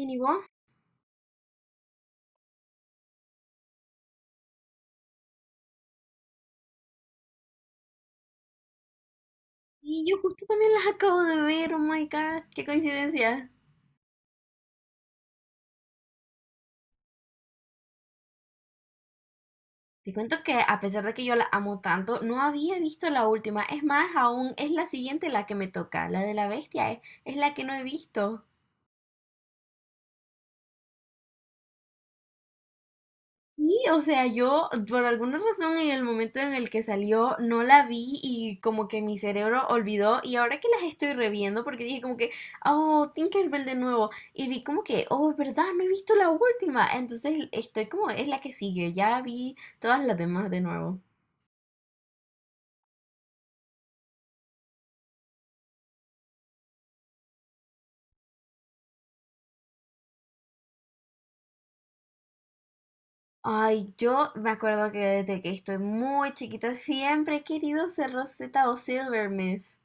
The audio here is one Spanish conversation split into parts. Bien, ¿y vos? Y yo justo también las acabo de ver, oh my god, qué coincidencia. Te cuento que a pesar de que yo la amo tanto, no había visto la última. Es más, aún es la siguiente la que me toca, la de la bestia, es la que no he visto. Sí, o sea, yo por alguna razón en el momento en el que salió no la vi y como que mi cerebro olvidó y ahora que las estoy reviendo porque dije como que, oh, Tinkerbell de nuevo y vi como que, oh, es verdad, no he visto la última, entonces estoy como, es la que sigue, ya vi todas las demás de nuevo. Ay, yo me acuerdo que desde que estoy muy chiquita siempre he querido ser Rosetta o Silvermist.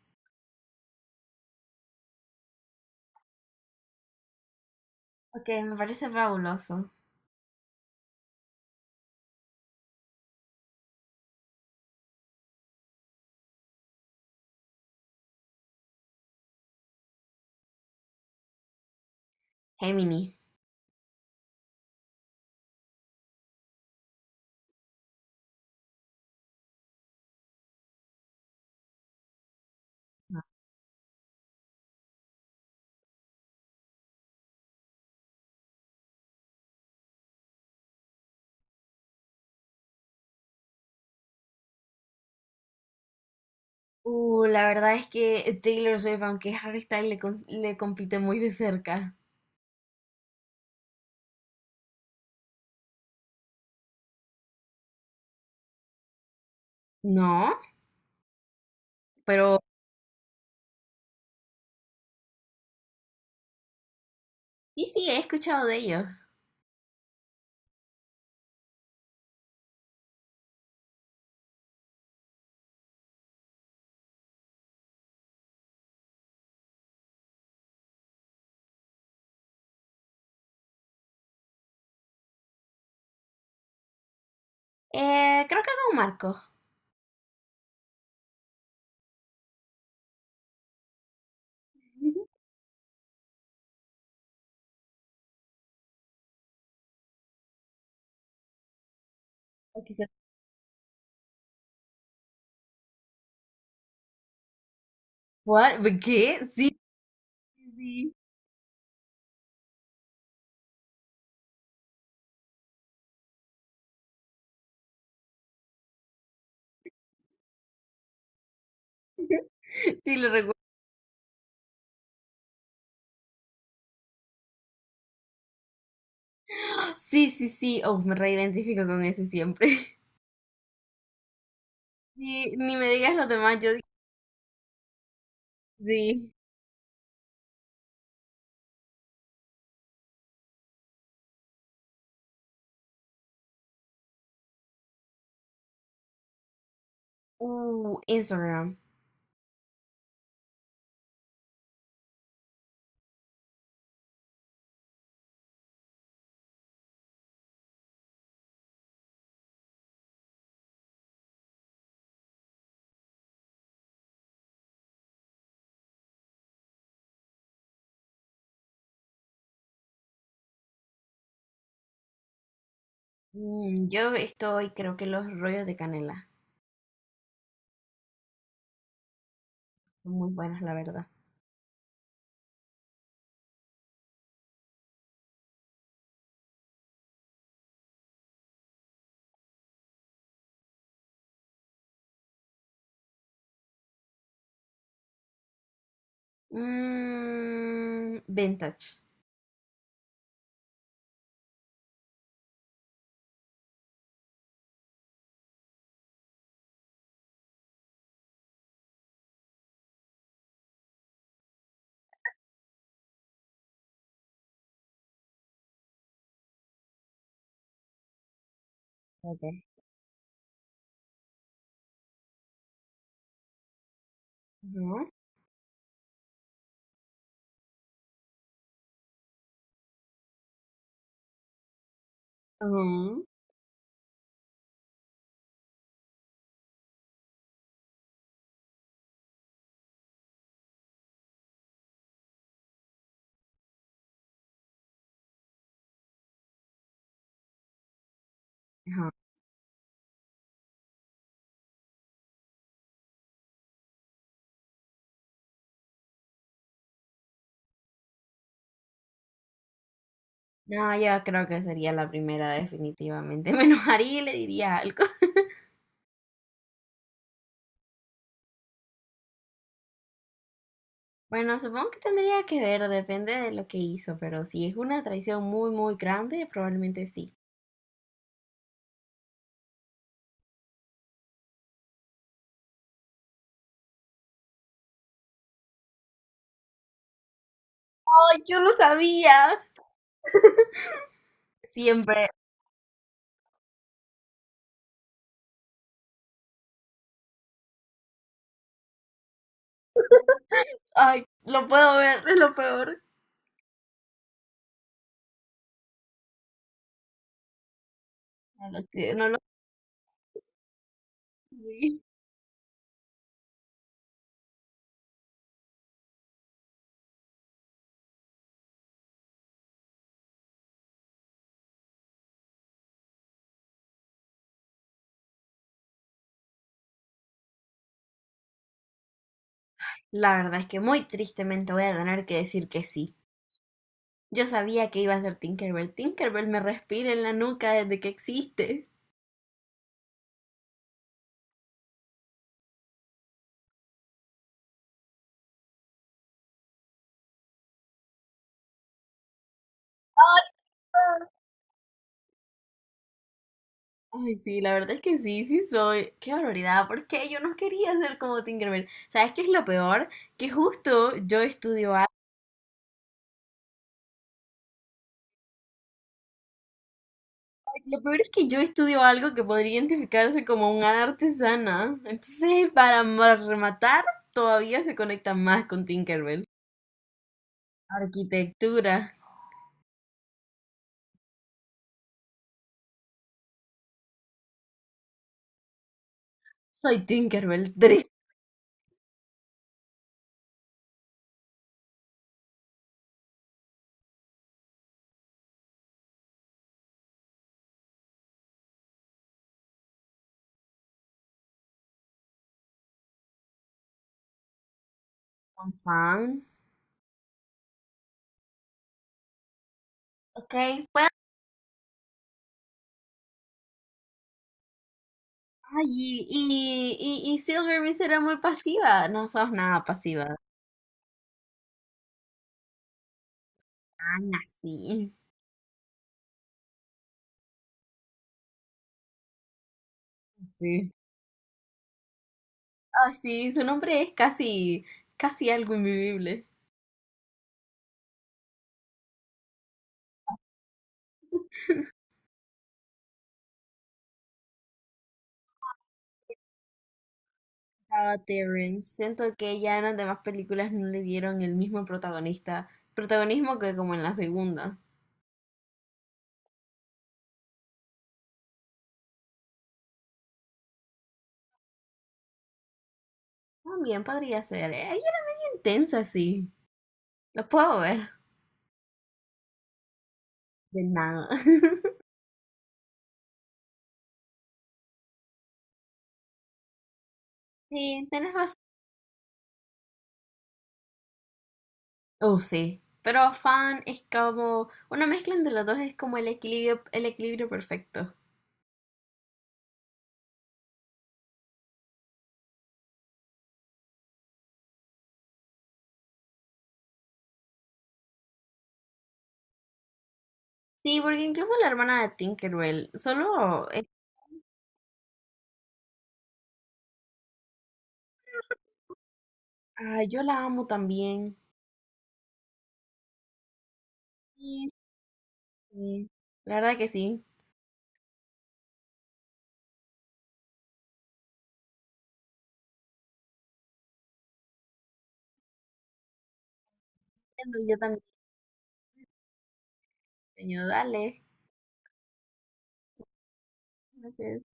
Ok, me parece fabuloso. Gemini. La verdad es que Taylor Swift, aunque Harry Styles le compite muy de cerca. No, pero sí, he escuchado de ellos. Creo que con Marco. O quizá- ¿What? ¿Qué? Sí, sí, sí, sí, lo recuerdo. Sí, sí, sí. Oh, me reidentifico con ese siempre. Ni me digas los demás. Sí. Instagram. Mm, creo que los rollos de canela son muy buenos, la verdad. Mm, vintage. Ujú, ujú, ajá. No, yo creo que sería la primera definitivamente. Me enojaría y le diría algo. Bueno, supongo que tendría que ver, depende de lo que hizo, pero si es una traición muy, muy grande, probablemente sí. ¡Ay, yo lo sabía! Siempre. ¡Ay, lo puedo ver! Es lo peor. No lo sabía. La verdad es que muy tristemente voy a tener que decir que sí. Yo sabía que iba a ser Tinkerbell. Tinkerbell me respira en la nuca desde que existe. Ay, sí, la verdad es que sí, sí soy. Qué barbaridad, porque yo no quería ser como Tinkerbell. ¿Sabes qué es lo peor? Que justo yo estudio algo. Lo peor es que yo estudio algo que podría identificarse como un hada artesana. Entonces, rematar, todavía se conecta más con Tinkerbell. Arquitectura. Soy Tinkerbell, triste con fan. Ok, pues. Ay, y Silvermist era muy pasiva. No sos nada pasiva. Ah, no, sí. Sí. Ah sí, su nombre es casi, casi algo invivible. Tara Terrence. Siento que ya en las demás películas no le dieron el mismo protagonismo que como en la segunda. También podría ser. Ella era intensa, sí. Lo puedo ver. De nada. Sí, tenés razón. Oh, sí. Pero fan es como una mezcla entre los dos, es como el equilibrio perfecto. Sí, porque incluso la hermana de Tinkerbell, solo ah, yo la amo también. Sí, sí, la verdad que sí. Entiendo, yo también, sueño, dale. Ok.